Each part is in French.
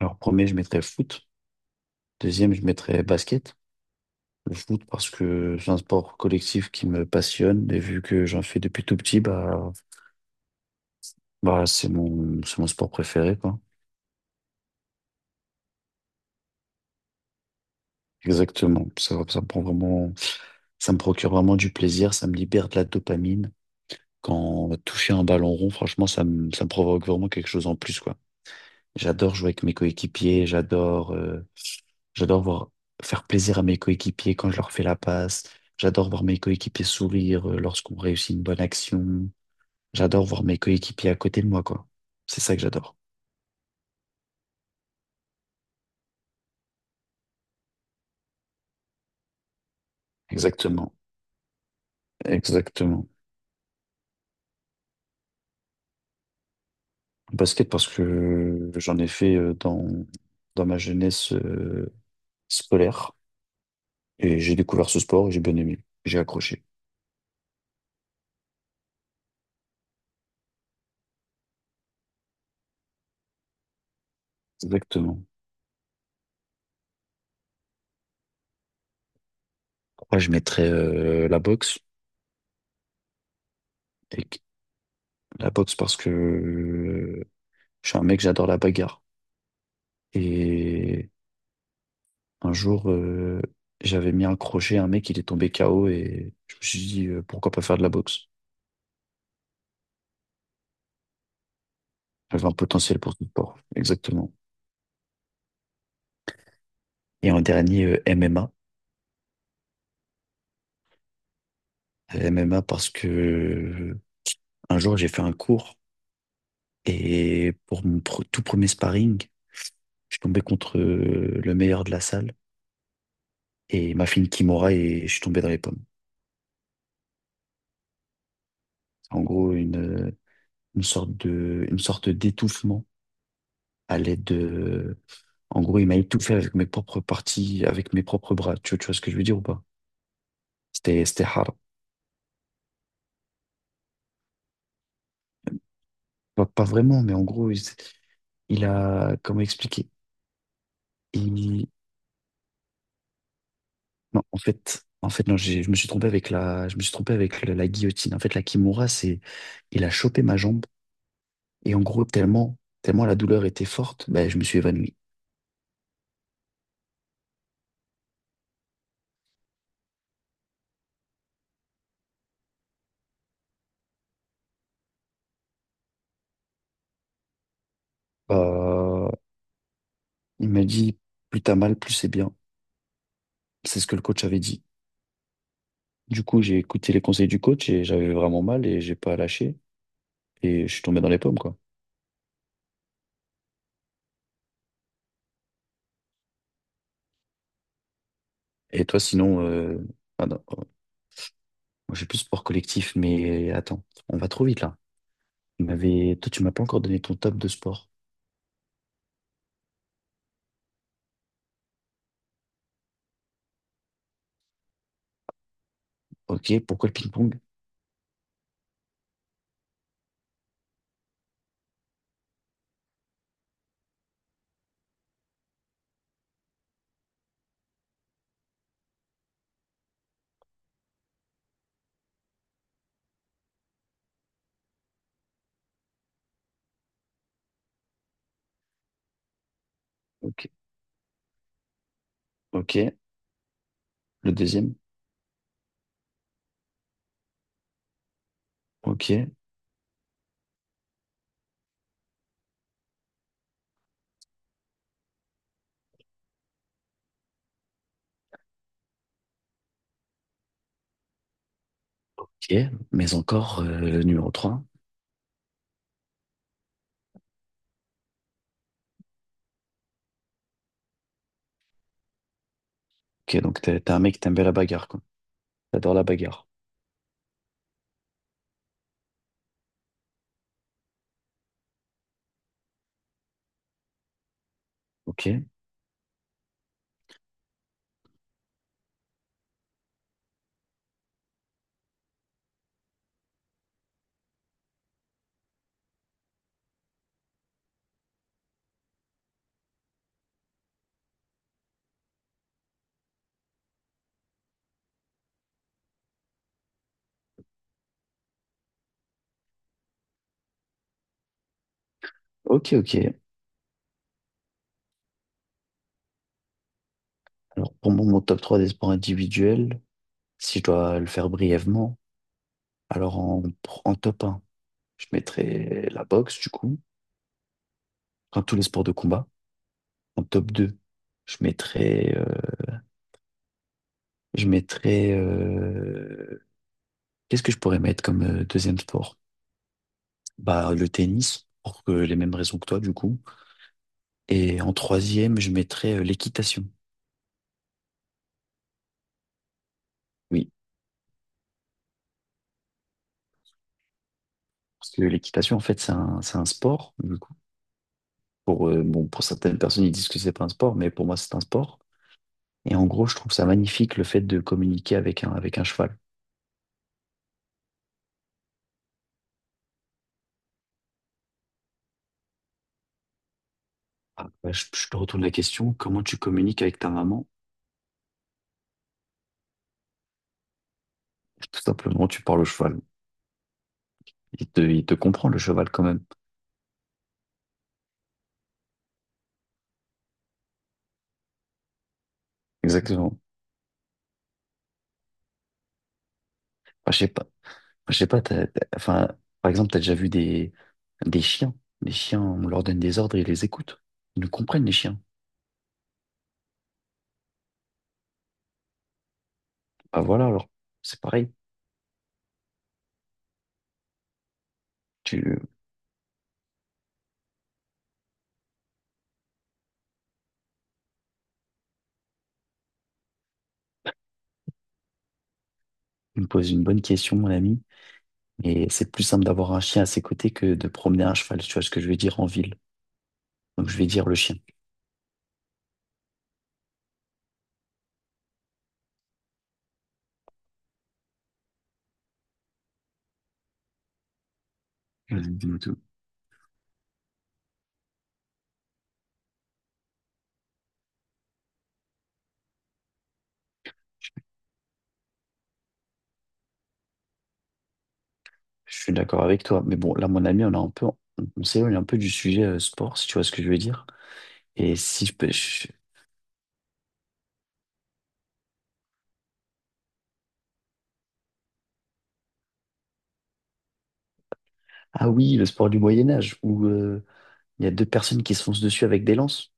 Alors, premier, je mettrais foot. Deuxième, je mettrais basket. Le foot parce que c'est un sport collectif qui me passionne et vu que j'en fais depuis tout petit, bah, c'est mon sport préféré, quoi. Exactement. Ça me prend vraiment, ça me procure vraiment du plaisir, ça me libère de la dopamine. Quand toucher un ballon rond, franchement, ça me provoque vraiment quelque chose en plus, quoi. J'adore jouer avec mes coéquipiers, j'adore voir faire plaisir à mes coéquipiers quand je leur fais la passe. J'adore voir mes coéquipiers sourire lorsqu'on réussit une bonne action. J'adore voir mes coéquipiers à côté de moi, quoi. C'est ça que j'adore. Exactement, exactement. Basket parce que j'en ai fait dans ma jeunesse scolaire, et j'ai découvert ce sport et j'ai bien aimé. J'ai accroché. Exactement. Pourquoi je mettrais la boxe? Et que- la boxe parce que je suis un mec, j'adore la bagarre. Et un jour, j'avais mis un crochet un mec, il est tombé KO et je me suis dit, pourquoi pas faire de la boxe? J'avais un potentiel pour ce sport, exactement. Et en dernier, MMA. MMA parce que un jour, j'ai fait un cours et pour tout premier sparring, je suis tombé contre le meilleur de la salle et il m'a fait une kimura et je suis tombé dans les pommes. En gros, une sorte d'étouffement à l'aide de... En gros, il m'a étouffé avec mes propres parties, avec mes propres bras. Tu vois ce que je veux dire ou pas? C'était hard. Pas vraiment, mais en gros, il a... Comment expliquer? Il... Non, en fait, non, je me suis trompé avec la guillotine. En fait, la kimura, c'est... Il a chopé ma jambe et en gros, tellement la douleur était forte, ben, je me suis évanoui. Euh, il m'a dit, plus t'as mal, plus c'est bien. C'est ce que le coach avait dit. Du coup, j'ai écouté les conseils du coach et j'avais vraiment mal et j'ai pas lâché, et je suis tombé dans les pommes, quoi. Et toi, sinon, ah non, oh, moi, j'ai plus sport collectif, mais attends, on va trop vite là. Toi, tu m'as pas encore donné ton top de sport. Ok, pourquoi le ping-pong? Ok, ok, le deuxième. Ok, ok, mais encore le numéro trois. Ok, donc t'es un mec qui t'aime bien la bagarre, quoi. T'adores la bagarre. Ok, ok, ok. Alors pour moi, mon top 3 des sports individuels, si je dois le faire brièvement, alors en top un je mettrais la boxe, du coup, enfin tous les sports de combat. En top 2, je mettrais, euh, je mettrais, euh, qu'est-ce que je pourrais mettre comme deuxième sport? Bah, le tennis, pour que les mêmes raisons que toi, du coup. Et en troisième, je mettrais l'équitation. Oui, parce que l'équitation, en fait, c'est un sport, du coup. Pour, bon, pour certaines personnes, ils disent que c'est pas un sport, mais pour moi, c'est un sport. Et en gros, je trouve ça magnifique le fait de communiquer avec avec un cheval. Ah, bah, je te retourne la question, comment tu communiques avec ta maman? Tout simplement, tu parles au cheval. Il te comprend, le cheval, quand même. Exactement. Enfin, je sais pas. Enfin, je sais pas, enfin, par exemple, tu as déjà vu des chiens. Les chiens, on leur donne des ordres et ils les écoutent. Ils nous comprennent, les chiens. Bah voilà, alors, c'est pareil. Tu tu me poses une bonne question, mon ami. Et c'est plus simple d'avoir un chien à ses côtés que de promener un cheval. Tu vois ce que je veux dire, en ville. Donc, je vais dire le chien. Vas-y, dis-moi tout. Je suis d'accord avec toi. Mais bon, là, mon ami, on s'éloigne un peu du sujet sport, si tu vois ce que je veux dire. Et si je peux. Ah oui, le sport du Moyen-Âge, où il y a deux personnes qui se foncent dessus avec des lances.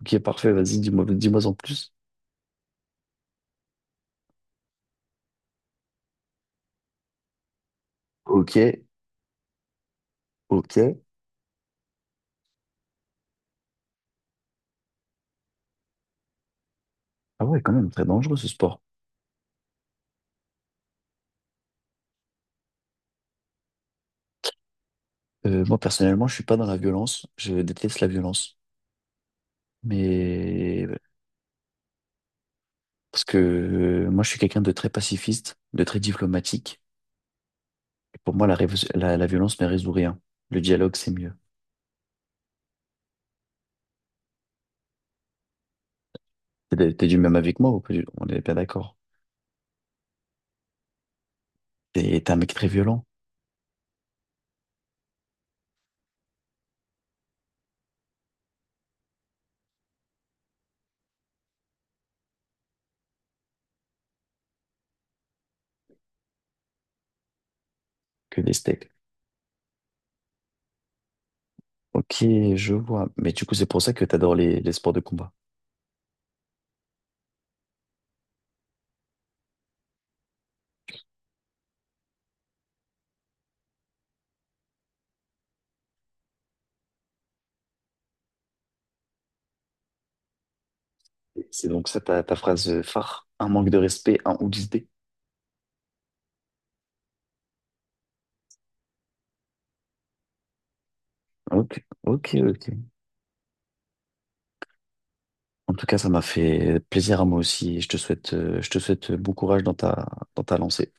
Ok, parfait, vas-y, dis-moi en plus. Ok, ok. Ah ouais, quand même, très dangereux ce sport. Moi, personnellement, je suis pas dans la violence. Je déteste la violence. Mais parce que moi, je suis quelqu'un de très pacifiste, de très diplomatique. Et pour moi, la violence ne résout rien. Le dialogue, c'est mieux. T'es du même avec moi ou pas? On est bien d'accord. T'es un mec très violent, que des steaks. Ok, je vois. Mais du coup, c'est pour ça que t'adores les sports de combat. C'est donc ça ta phrase phare, un manque de respect, un ou dix dés. Ok, ok, ok. En tout cas, ça m'a fait plaisir à moi aussi. Je te souhaite bon courage dans dans ta lancée.